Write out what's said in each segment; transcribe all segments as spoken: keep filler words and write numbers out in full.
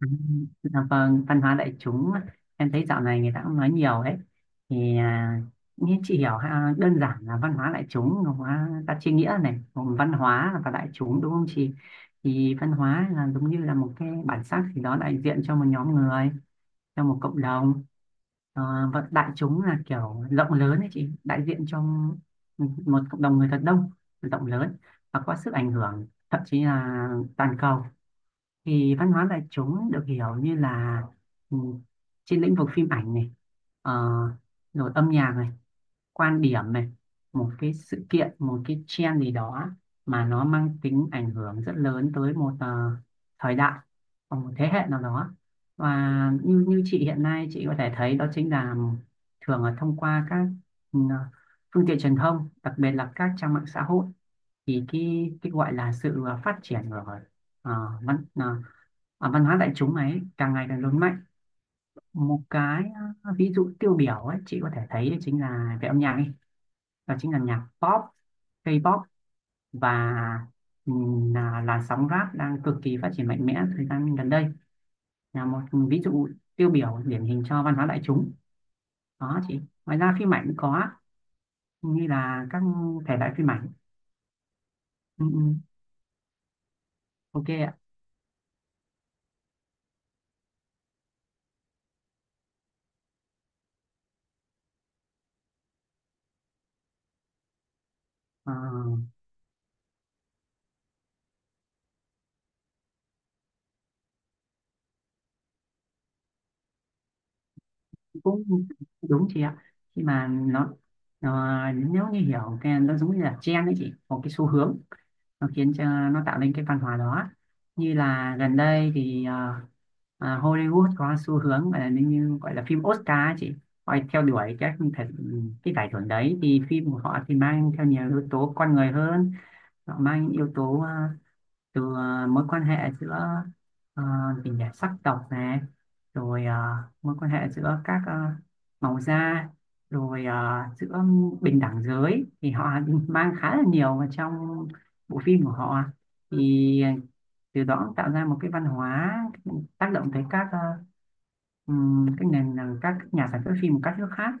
Ừ, dạ vâng, văn hóa đại chúng em thấy dạo này người ta cũng nói nhiều đấy thì à, như chị hiểu ha, đơn giản là văn hóa đại chúng nó hóa ta chia nghĩa này gồm văn hóa và đại chúng, đúng không chị? Thì văn hóa là giống như là một cái bản sắc gì đó đại diện cho một nhóm người, cho một cộng đồng. Ờ, và đại chúng là kiểu rộng lớn đấy chị, đại diện cho một cộng đồng người thật đông, rộng lớn và có sức ảnh hưởng thậm chí là toàn cầu. Thì văn hóa đại chúng được hiểu như là, ừ, trên lĩnh vực phim ảnh này, ờ, rồi âm nhạc này, quan điểm này, một cái sự kiện, một cái trend gì đó mà nó mang tính ảnh hưởng rất lớn tới một ờ, thời đại hoặc một thế hệ nào đó. Và như như chị hiện nay chị có thể thấy đó chính là thường là thông qua các ừ, phương tiện truyền thông, đặc biệt là các trang mạng xã hội. Thì cái cái gọi là sự phát triển của, à, văn à, à, văn hóa đại chúng ấy càng ngày càng lớn mạnh. Một cái à, ví dụ tiêu biểu ấy chị có thể thấy đấy chính là về âm nhạc ấy, đó chính là nhạc pop, K-pop và ừm, là làn sóng rap đang cực kỳ phát triển mạnh mẽ thời gian gần đây, là một ví dụ tiêu biểu điển hình cho văn hóa đại chúng đó chị. Ngoài ra phim ảnh cũng có, như là các thể loại phim ảnh. ừ, ừ, ok ạ. Ờ, Cũng đúng chị ạ. Khi mà nó, nó nếu như hiểu cái nó giống như là trend đấy chị, một cái xu hướng nó khiến cho, nó tạo nên cái văn hóa đó. Như là gần đây thì ờ, ờ, Hollywood có xu hướng gọi là như như gọi là phim Oscar ấy chị. Họ theo đuổi các cái, cái giải thưởng đấy thì phim của họ thì mang theo nhiều yếu tố con người hơn. Họ mang những yếu tố ờ, từ ờ, mối quan hệ giữa ờ, tình cảm sắc tộc này, rồi ờ, mối quan hệ giữa các ờ, màu da, rồi ờ, giữa bình đẳng giới thì họ mang khá là nhiều vào trong bộ phim của họ. Thì từ đó cũng tạo ra một cái văn hóa tác động tới các ờ, Ừm, cái nền là các nhà sản xuất phim của các nước khác,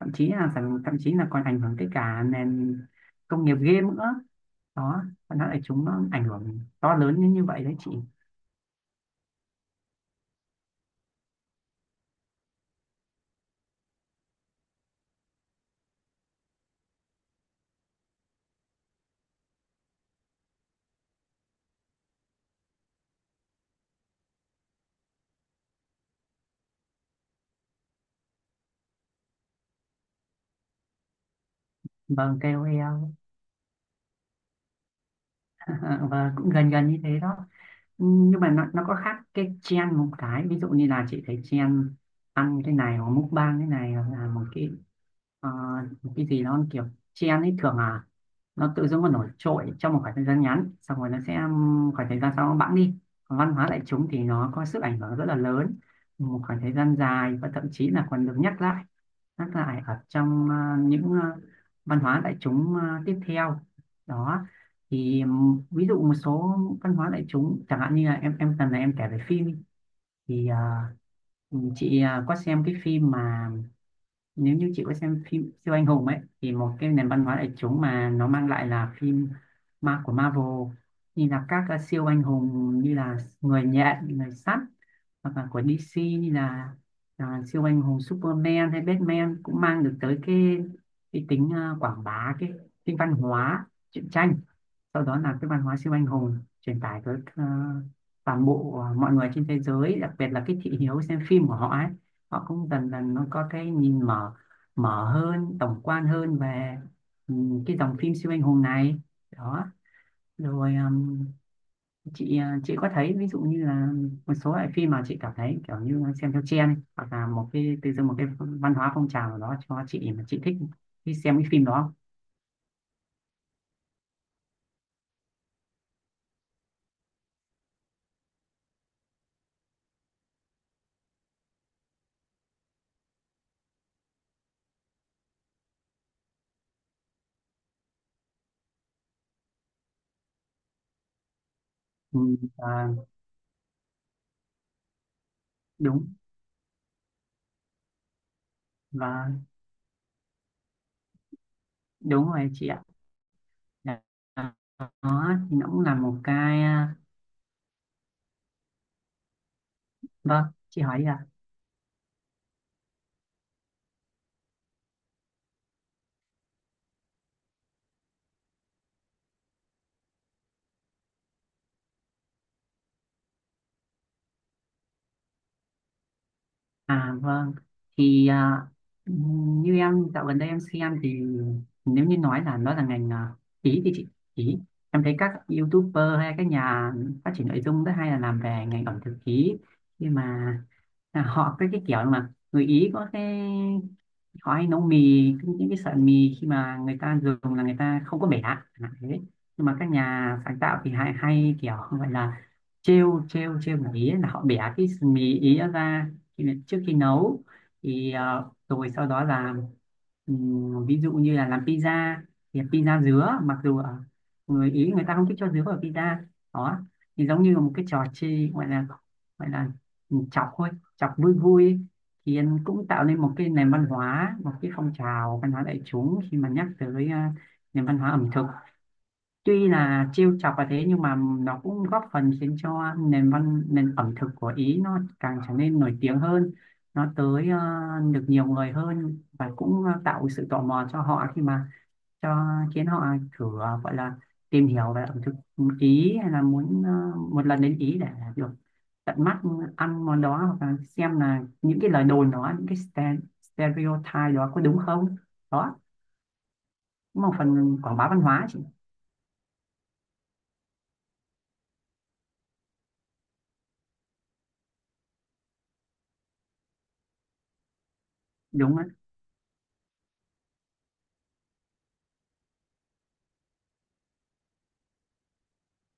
thậm chí là sản- thậm chí là còn ảnh hưởng tới cả nền công nghiệp game nữa đó. Nó lại chúng nó ảnh hưởng to lớn như như vậy đấy chị. Vâng, ca o lờ và cũng gần gần như thế đó. Nhưng mà nó, nó có khác cái trend, một cái ví dụ như là chị thấy trend ăn cái này hoặc mukbang cái này hoặc là một cái, Ờ, cái gì nó kiểu chen ấy thường là nó tự dưng nó nổi trội trong một khoảng thời gian ngắn xong rồi nó sẽ, um, khoảng thời gian sau nó bẵng đi. Còn văn hóa đại chúng thì nó có sức ảnh hưởng rất là lớn một khoảng thời gian dài và thậm chí là còn được nhắc lại nhắc lại ở trong ờ, những ờ, văn hóa đại chúng ờ, tiếp theo đó. Thì um, ví dụ một số văn hóa đại chúng chẳng hạn như là em em cần là em kể về phim thì ờ, chị ờ, có xem cái phim mà, nếu như chị có xem phim siêu anh hùng ấy, thì một cái nền văn hóa đại chúng mà nó mang lại là phim ma của Marvel, như là các ờ, siêu anh hùng như là người nhện, người sắt, hoặc là của đê xê như là à, siêu anh hùng Superman hay Batman, cũng mang được tới cái cái tính ờ, quảng bá cái tính văn hóa truyện tranh. Sau đó là cái văn hóa siêu anh hùng truyền tải tới ờ, toàn bộ ờ, mọi người trên thế giới, đặc biệt là cái thị hiếu xem phim của họ ấy, họ cũng dần dần nó có cái nhìn mở, mở hơn tổng quan hơn về ừ, cái dòng phim siêu anh hùng này đó. Rồi ừm, chị ờ, chị có thấy ví dụ như là một số loại phim mà chị cảm thấy kiểu như xem theo trend ấy, hoặc là một cái từ dưng một cái văn hóa phong trào nào đó cho chị mà chị thích đi xem cái phim đó không? Ừ, à, đúng, và đúng rồi chị ạ. Đó thì nó cũng là một cái, à, vâng chị hỏi đi ạ. À vâng, thì à, như em dạo gần đây em xem thì nếu như nói là nó là ngành à, ý thì chị ý, em thấy các YouTuber hay các nhà phát triển nội dung rất hay là làm về ngành ẩm thực ý. Nhưng mà à, họ cái cái kiểu mà người Ý có cái họ hay nấu mì, những cái sợi mì khi mà người ta dùng là người ta không có bẻ chẳng hạn thế. Nhưng mà các nhà sáng tạo thì hay hay kiểu gọi là trêu trêu trêu người Ý ấy, là họ bẻ cái mì Ý ra khi trước khi nấu. Thì ờ, rồi sau đó là, ừm, ví dụ như là làm pizza thì pizza dứa, mặc dù ở người Ý người ta không thích cho dứa vào pizza đó. Thì giống như là một cái trò chơi gọi là, gọi là chọc thôi, chọc vui vui ấy. Thì em cũng tạo nên một cái nền văn hóa, một cái phong trào văn hóa đại chúng khi mà nhắc tới ờ, nền văn hóa ẩm thực. Tuy là trêu chọc và thế nhưng mà nó cũng góp phần khiến cho nền văn nền ẩm thực của Ý nó càng trở nên nổi tiếng hơn, nó tới ờ, được nhiều người hơn, và cũng ờ, tạo sự tò mò cho họ khi mà cho khiến họ thử ờ, gọi là tìm hiểu về ẩm thực Ý, hay là muốn ờ, một lần đến Ý để được tận mắt ăn món đó, hoặc là xem là những cái lời đồn đó, những cái ste- stereotype đó có đúng không. Đó cũng là một phần quảng bá văn hóa chị. Đúng đấy.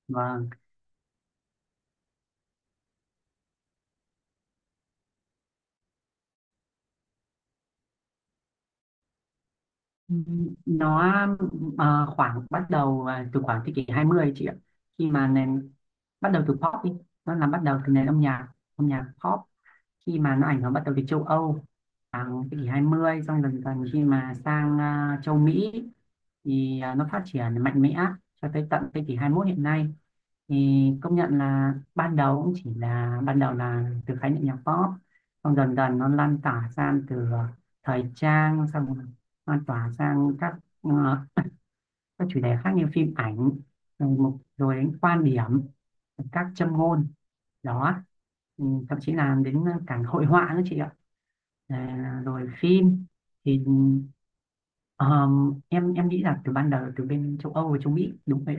Vâng, nó ờ, khoảng bắt đầu ờ, từ khoảng thế kỷ hai mươi chị ạ, khi mà nền, bắt đầu từ pop đi, nó là bắt đầu từ nền âm nhạc âm nhạc pop. Khi mà nó ảnh hưởng bắt đầu từ châu Âu khoảng thế kỷ hai mươi, xong dần dần khi mà sang ờ, châu Mỹ thì ờ, nó phát triển mạnh mẽ cho tới tận thế kỷ hai mươi mốt hiện nay. Thì công nhận là ban đầu cũng chỉ là, ban đầu là từ khái niệm nhạc pop, xong dần dần nó lan tỏa sang từ ờ, thời trang, xong lan tỏa sang các ờ, các chủ đề khác như phim ảnh, rồi một rồi đến quan điểm, các châm ngôn đó. Ừ, thậm chí là đến cả hội họa nữa chị ạ. À, rồi phim thì ờm, em em nghĩ là từ ban đầu từ bên châu Âu và châu Mỹ đúng vậy.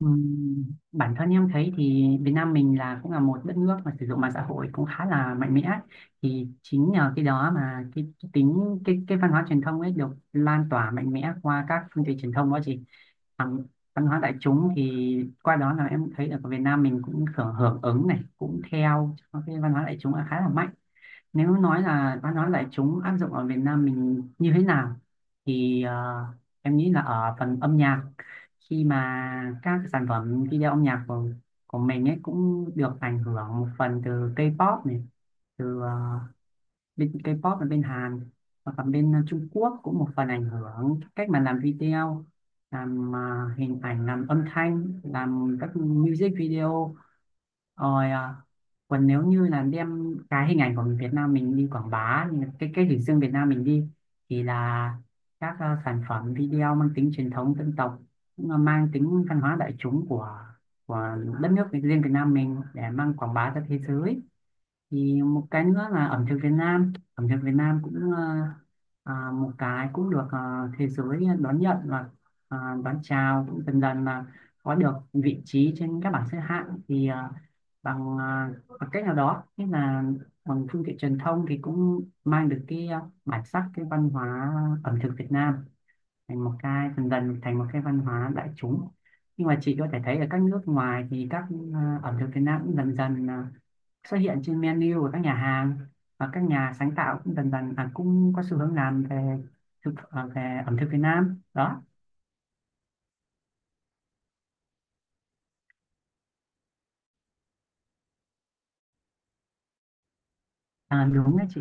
Ừm, Bản thân em thấy thì Việt Nam mình là cũng là một đất nước mà sử dụng mạng xã hội cũng khá là mạnh mẽ. Thì chính nhờ cái đó mà cái tính cái cái văn hóa truyền thông ấy được lan tỏa mạnh mẽ qua các phương tiện truyền thông đó chị. Bằng văn hóa đại chúng thì qua đó là em thấy là Việt Nam mình cũng hưởng hưởng ứng này, cũng theo cái văn hóa đại chúng là khá là mạnh. Nếu nói là văn hóa đại chúng áp dụng ở Việt Nam mình như thế nào thì ờ, em nghĩ là ở phần âm nhạc, khi mà các sản phẩm video âm nhạc của, của mình ấy cũng được ảnh hưởng một phần từ K-pop này, từ ờ, bên K-pop là bên Hàn, và cả bên Trung Quốc cũng một phần ảnh hưởng cách mà làm video, làm ờ, hình ảnh, làm âm thanh, làm các music video. Rồi, à, còn nếu như là đem cái hình ảnh của Việt Nam mình đi quảng bá, cái cái hình dương Việt Nam mình đi thì là các à, sản phẩm video mang tính truyền thống dân tộc cũng là mang tính văn hóa đại chúng của của đất nước riêng Việt Nam mình để mang quảng bá ra thế giới. Thì một cái nữa là ẩm thực Việt Nam, ẩm thực Việt Nam cũng ờ, à, một cái cũng được ờ, thế giới đón nhận và ờ, đón chào, cũng dần dần là có được vị trí trên các bảng xếp hạng thì ờ, bằng, ờ, bằng cách nào đó, như là bằng phương tiện truyền thông thì cũng mang được cái ờ, bản sắc, cái văn hóa ẩm thực Việt Nam thành một cái, dần dần thành một cái văn hóa đại chúng. Nhưng mà chị có thể thấy ở các nước ngoài thì các ờ, ẩm thực Việt Nam cũng dần dần ờ, xuất hiện trên menu của các nhà hàng, và các nhà sáng tạo cũng dần dần à, cũng có xu hướng làm về thực à, về ẩm thực Việt Nam đó. À, đúng đấy chị.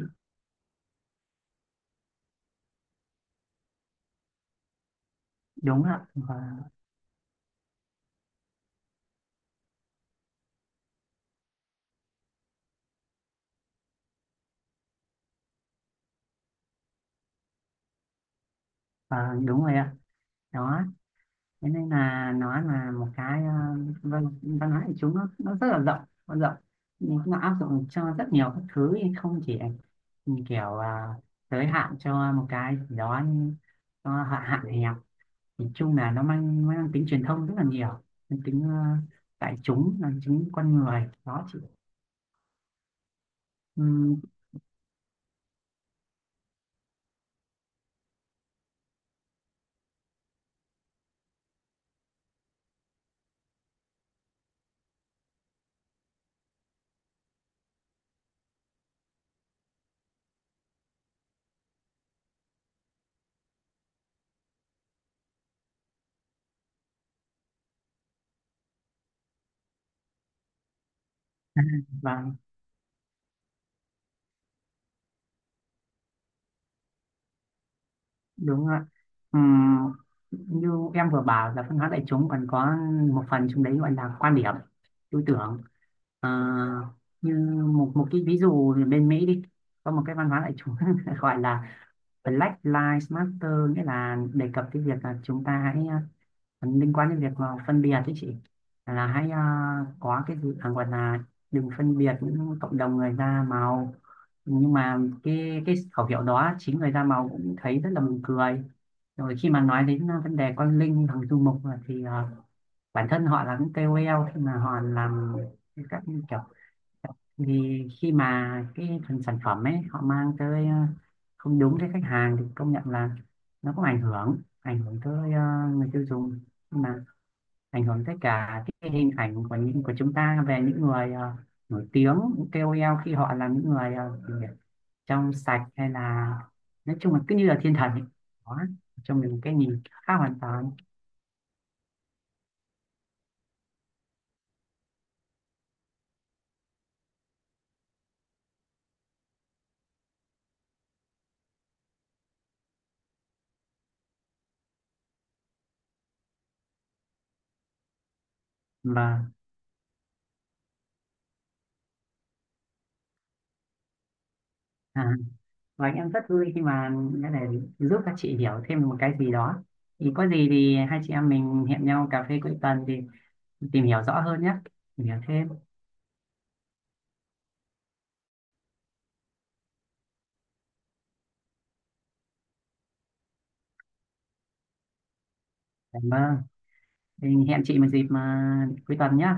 Đúng ạ, và, và đúng rồi ạ. Đó thế nên là nó là một cái, à, văn văn hóa của chúng nó, nó rất là rộng, nó rộng nhưng nó áp dụng cho rất nhiều các thứ, không chỉ ừ, kiểu à, giới hạn cho một cái gì đó như- nó hạn hạn hẹp. Nhìn chung là nó mang mang tính truyền thông rất là nhiều, mang tính ờ, đại chúng, mang tính con người đó chị. Ừm, và đúng rồi ạ. Ừm, Như em vừa bảo là văn hóa đại chúng còn có một phần trong đấy gọi là quan điểm, tư tưởng. Ờ, Như một một cái ví dụ thì bên Mỹ đi, có một cái văn hóa đại chúng gọi là Black Lives Matter, nghĩa là đề cập cái việc là chúng ta hãy liên quan đến việc mà phân biệt ấy chị, là hãy à, có cái dự à, gọi là đừng phân biệt những cộng đồng người da màu. Nhưng mà cái cái khẩu hiệu đó chính người da màu cũng thấy rất là buồn cười. Rồi khi mà nói đến à, vấn đề con Linh, thằng Du Mục, à, thì à, bản thân họ là những ca o lờ, khi mà họ làm các kiểu thì khi mà cái phần sản phẩm ấy họ mang tới à, không đúng với khách hàng, thì công nhận là nó cũng ảnh hưởng ảnh hưởng tới à, người tiêu dùng. Nhưng mà ảnh hưởng tới cả cái hình ảnh của những của chúng ta về những người ờ, nổi tiếng, những ca o lờ, khi họ là những người ờ, gì nhỉ, trong sạch, hay là nói chung là cứ như là thiên thần ấy. Đó, cho mình một cái nhìn khác hoàn toàn. và à, và em rất vui khi mà cái này giúp các chị hiểu thêm một cái gì đó. Thì có gì thì hai chị em mình hẹn nhau cà phê cuối tuần thì tìm hiểu rõ hơn nhé, tìm hiểu thêm. Cảm ơn. Mình hẹn chị một dịp mà cuối tuần nhé.